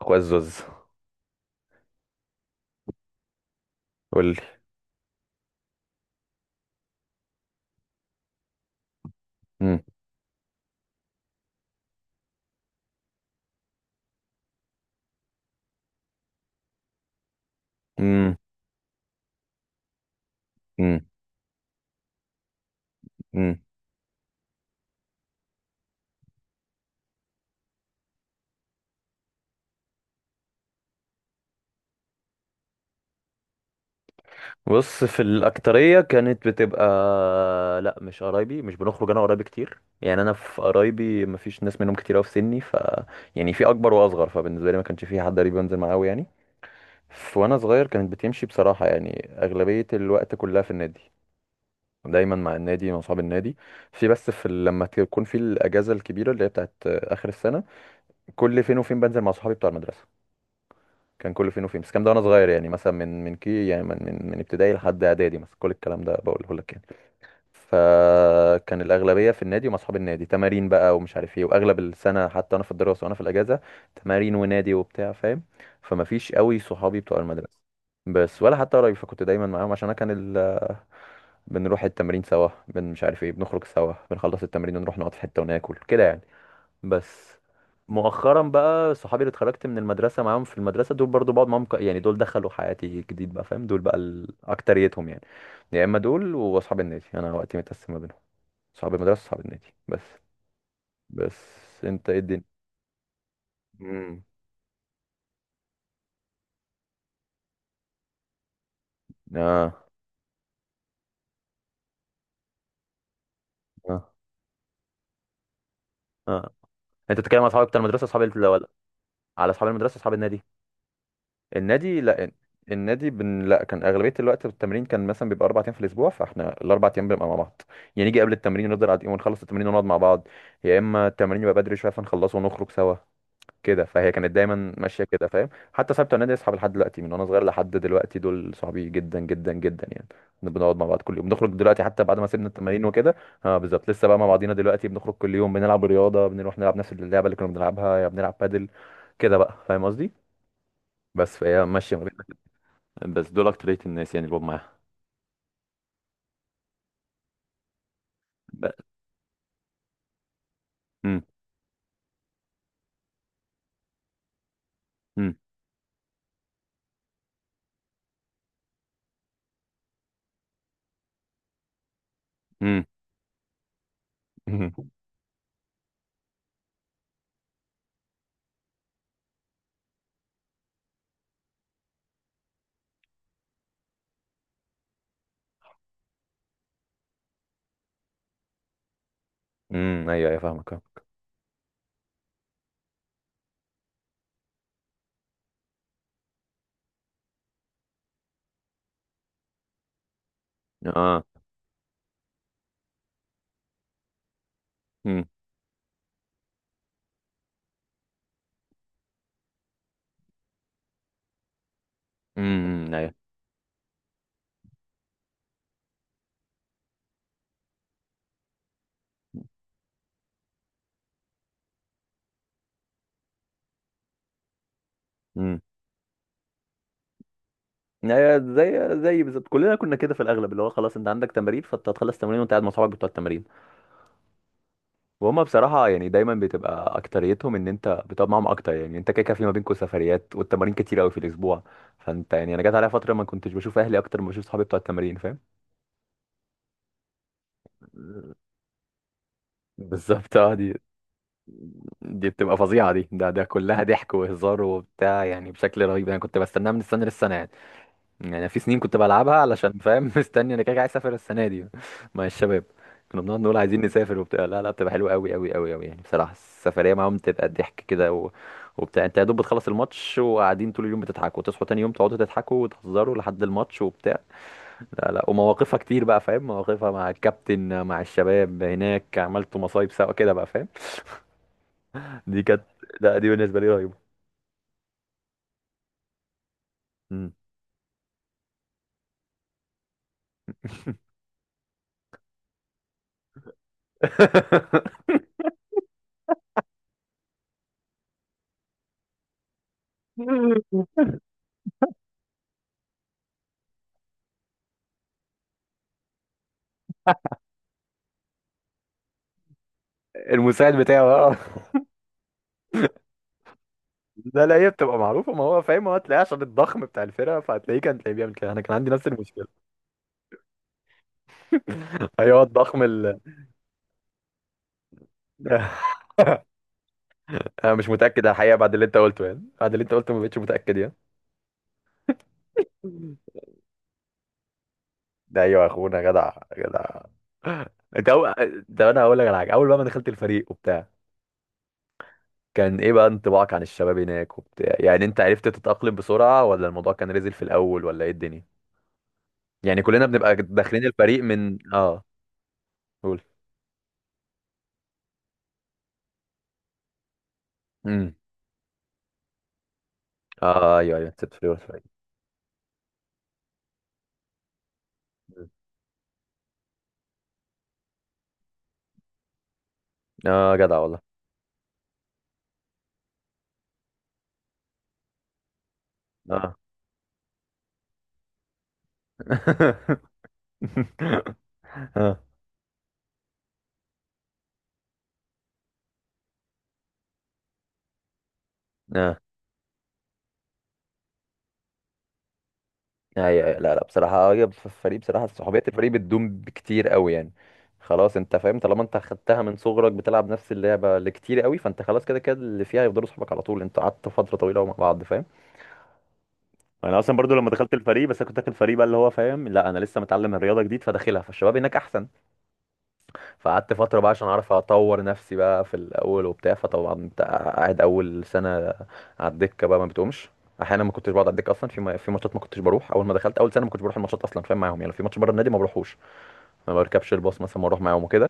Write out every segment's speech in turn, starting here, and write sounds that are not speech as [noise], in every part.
اخويا الزوز، قول لي. مم. مم. مم. مم. بص، في الأكترية كانت بتبقى، لا مش قرايبي، مش بنخرج أنا وقرايبي كتير، يعني أنا في قرايبي مفيش ناس منهم كتير أوي في سني يعني في أكبر وأصغر، فبالنسبة لي ما كانش في حد قريب بنزل معاه أوي يعني. وأنا صغير كانت بتمشي بصراحة، يعني أغلبية الوقت كلها في النادي، دايما مع النادي مع أصحاب النادي. في بس في لما تكون في الأجازة الكبيرة اللي هي بتاعت آخر السنة، كل فين وفين بنزل مع صحابي بتوع المدرسة. كان كله فين وفين، بس الكلام ده وانا صغير، يعني مثلا من من كي يعني من من, من ابتدائي لحد اعدادي، مثلا كل الكلام ده بقوله لك يعني. فكان الاغلبيه في النادي ومع اصحاب النادي، تمارين بقى ومش عارف ايه، واغلب السنه حتى انا في الدراسه وانا في الاجازه تمارين ونادي وبتاع، فاهم؟ فما فيش قوي صحابي بتوع المدرسه، بس ولا حتى قرايب، فكنت دايما معاهم، عشان انا كان ال... بنروح التمرين سوا، مش عارف ايه، بنخرج سوا، بنخلص التمرين ونروح نقعد في حته وناكل كده يعني. بس مؤخرا بقى، صحابي اللي اتخرجت من المدرسة معاهم، في المدرسة دول برضو بقعد معاهم، يعني دول دخلوا حياتي جديد بقى فاهم. دول بقى أكتريتهم يعني، يا إما دول وأصحاب النادي، أنا وقتي متقسم ما بينهم، صحاب المدرسة وصحاب النادي بس. بس أنت إيه الدنيا؟ امم. آه. آه. آه. أنت بتتكلم على أصحابك بتاع المدرسة، أصحاب ولا على أصحاب المدرسة أصحاب النادي؟ النادي، لا. النادي لا، كان اغلبيه الوقت التمرين كان مثلا بيبقى اربع ايام في الاسبوع، فاحنا الاربع ايام بنبقى مع بعض، يعني نيجي قبل التمرين نفضل قاعدين ونخلص التمرين ونقعد مع بعض، يا اما التمرين يبقى بدري شويه فنخلصه ونخرج سوا كده. فهي كانت دايما ماشيه كده فاهم، حتى صاحبت النادي اصحاب لحد دلوقتي، من وانا صغير لحد دلوقتي، دول صحابي جدا جدا جدا يعني، بنقعد مع بعض كل يوم، بنخرج دلوقتي حتى بعد ما سيبنا التمارين وكده. اه بالظبط، لسه بقى مع بعضينا دلوقتي، بنخرج كل يوم، بنلعب رياضه، بنروح نلعب نفس اللعبه اللي كنا بنلعبها، يا بنلعب بادل، كده بقى فاهم قصدي. بس فهي ماشيه. بس دول اكترية الناس يعني اللي بقعد معاها. ب- مم. مم. مم. مم. مم. ايوه ايوه فاهمك، اه. آه. مم. مم. ايوه. مم. ايوه، زي بالظبط كلنا كنا كده في الاغلب، اللي هو خلاص انت عندك تمارين، فانت هتخلص تمارين وانت قاعد مع صحابك بتوع التمارين، وهم بصراحه يعني دايما بتبقى اكتريتهم ان انت بتقعد معاهم اكتر، يعني انت كده كده في ما بينكم سفريات، والتمارين كتير قوي في الاسبوع. فانت يعني، انا جت عليا فتره ما كنتش بشوف اهلي اكتر ما بشوف صحابي بتوع التمارين، فاهم. بالظبط اه، دي دي بتبقى فظيعة، دي ده ده كلها ضحك وهزار وبتاع يعني بشكل رهيب، انا كنت بستناها من السنة للسنة يعني. يعني أنا في سنين كنت بلعبها علشان فاهم [laughs] مستني انا، كده كده عايز اسافر السنة دي [laughs] مع الشباب. كنا بنقعد نقول عايزين نسافر وبتاع. لا لا، بتبقى حلوة قوي قوي قوي قوي يعني، بصراحة السفرية معاهم بتبقى ضحك كده وبتاع. انت يا دوب بتخلص الماتش وقاعدين طول اليوم بتضحكوا، وتصحوا تاني يوم تقعدوا تضحكوا وتهزروا لحد الماتش وبتاع. لا لا ومواقفها كتير بقى فاهم، مواقفها مع الكابتن مع الشباب هناك، عملتوا مصايب سوا كده بقى فاهم. دي كانت، لا دي بالنسبه لي رهيبه. مم. [laughs] المساعد بتاعه اه. لا لا هي بتبقى معروفه، ما هو فاهم، هو هتلاقيه عشان الضخم بتاع الفرقه، فهتلاقيه كان تلاقيه بيعمل كده، انا كان عندي نفس المشكله. ايوه الضخم [laughs] انا مش متاكد الحقيقه بعد اللي انت قلته، يعني بعد اللي انت قلته ما بقتش متاكد يعني. [laughs] ده ايوه يا اخونا، جدع، جدع، انت ده انا هقول لك على حاجه. اول بقى ما دخلت الفريق وبتاع، كان ايه بقى انطباعك عن الشباب هناك وبتاع يعني، انت عرفت تتاقلم بسرعه ولا الموضوع كان نزل في الاول ولا ايه الدنيا؟ يعني كلنا بنبقى داخلين الفريق من اه. قول. امم. اه ايوه ايوه، ست فلور الفريق. مم. اه جدع والله. اه. [laughs] اه. اه ايوه ايوه، لا لا بصراحه، هي في الفريق بصراحه صحوبيه الفريق بتدوم بكتير قوي يعني. خلاص انت فاهم طالما انت خدتها من صغرك بتلعب نفس اللعبه اللي كتير قوي، فانت خلاص كده كده اللي فيها هيفضلوا صحابك على طول، انت قعدت فتره طويله مع بعض فاهم. انا اصلا برضو لما دخلت الفريق، بس انا كنت داخل الفريق بقى اللي هو فاهم، لا انا لسه متعلم الرياضه جديد فداخلها، فالشباب هناك احسن، فقعدت فترة بقى عشان أعرف أطور نفسي بقى في الأول وبتاع. فطبعا أنت قاعد أول سنة على الدكة بقى ما بتقومش، أحيانا ما كنتش بقعد على الدكة أصلا، في في ماتشات ما كنتش بروح، أول ما دخلت أول سنة ما كنتش بروح الماتشات أصلا فاهم معاهم يعني، لو في ماتش بره النادي ما بروحوش، ما بركبش الباص مثلا ما أروح معاهم وكده.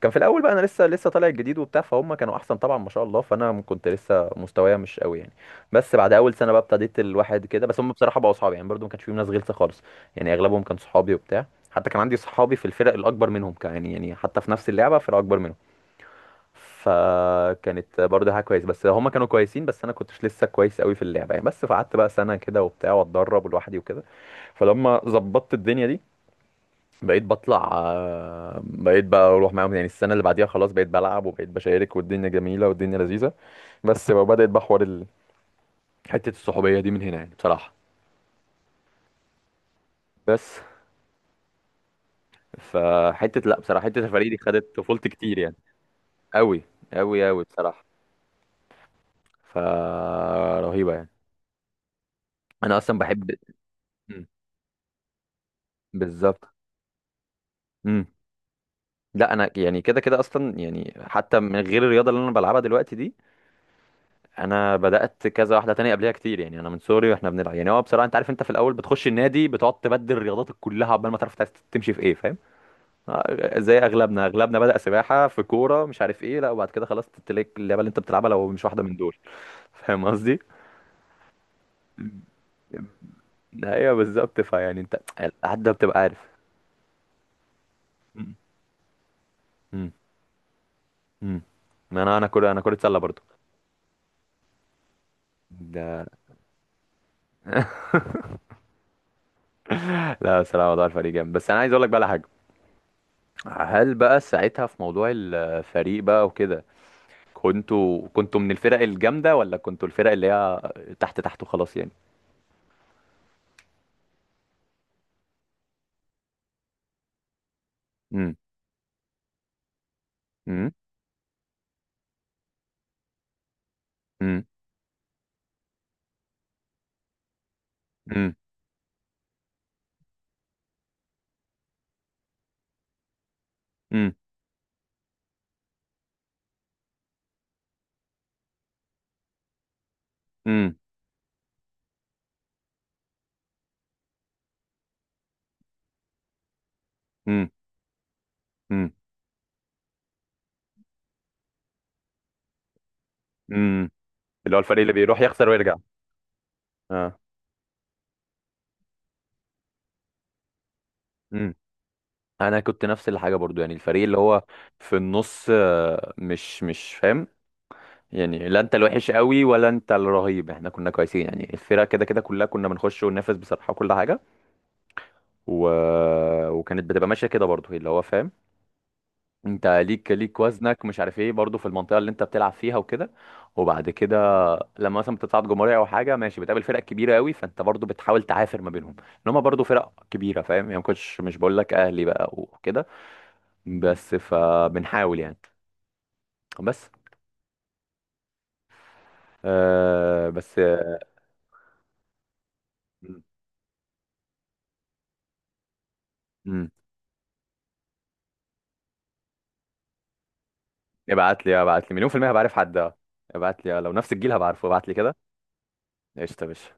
كان في الاول بقى انا لسه طالع الجديد وبتاع، فهم كانوا احسن طبعا ما شاء الله، فانا كنت لسه مستوايا مش قوي يعني. بس بعد اول سنه بقى ابتديت الواحد كده، بس هم بصراحه بقوا اصحابي يعني، برضو ما كانش فيهم ناس غلسه خالص، يعني اغلبهم كان صحابي وبتاع. حتى كان عندي صحابي في الفرق الاكبر منهم كان يعني، يعني حتى في نفس اللعبه فرق اكبر منهم، فكانت برضه حاجه كويس، بس هم كانوا كويسين بس انا كنتش لسه كويس قوي في اللعبه يعني. بس فقعدت بقى سنه كده وبتاع واتدرب لوحدي وكده. فلما ظبطت الدنيا دي بقيت بطلع آه، بقيت بقى اروح معاهم يعني، السنه اللي بعديها خلاص بقيت بلعب وبقيت بشارك، والدنيا جميله والدنيا لذيذه. بس [laughs] بقى بدات بقى حوار حته الصحوبيه دي من هنا يعني بصراحه. بس فحته، لا بصراحه حته الفريق دي خدت طفولتي كتير يعني. قوي قوي قوي بصراحه، فرهيبه يعني. انا اصلا بحب. مم. بالظبط. امم. لا انا يعني كده كده اصلا يعني، حتى من غير الرياضه اللي انا بلعبها دلوقتي دي، انا بدات كذا واحده تانية قبلها كتير يعني، انا من صغري واحنا بنلعب يعني، هو بصراحه انت عارف انت في الاول بتخش النادي بتقعد تبدل رياضاتك كلها عقبال ما تعرف، تمشي في ايه فاهم. آه، زي اغلبنا، اغلبنا بدا سباحه في كوره مش عارف ايه، لا وبعد كده خلاص تلاقي اللعبه اللي انت بتلعبها لو مش واحده من دول. [laughs] فاهم قصدي. ايوه بالظبط، فيعني انت القعده بتبقى عارف. مم. مم. مم. ما انا كره، انا كره سله برضو. ده لا بصراحه موضوع الفريق جامد، بس انا عايز اقول لك بقى على حاجه. هل بقى ساعتها في موضوع الفريق بقى وكده، كنتوا كنتوا من الفرق الجامدة ولا كنتوا الفرق اللي هي تحت تحت وخلاص يعني؟ امم. امم. امم. امم. امم. امم. امم. امم. امم. اللي هو الفريق اللي بيروح يخسر ويرجع. اه. امم. انا كنت نفس الحاجة برضو يعني، الفريق اللي هو في النص آه، مش فاهم يعني، لا انت الوحش قوي ولا انت الرهيب، احنا كنا كويسين يعني الفرقة كده كده كلها كنا بنخش وننافس بصراحة وكل حاجة و... وكانت بتبقى ماشية كده برضو اللي هو فاهم، انت ليك وزنك مش عارف ايه برضو في المنطقه اللي انت بتلعب فيها وكده. وبعد كده لما مثلا بتصعد جمهوريه او حاجه ماشي بتقابل فرق كبيره قوي، فانت برضو بتحاول تعافر ما بينهم ان هم برضو فرق كبيره فاهم يعني، ما كنتش مش بقول لك اهلي بقى وكده، بس فبنحاول يعني. بس آه بس آه، امم. ابعت لي ابعت لي مليون في الميه بعرف حد، ابعت لي لو نفس الجيل هبعرفه، ابعت لي كده. قشطه يا باشا.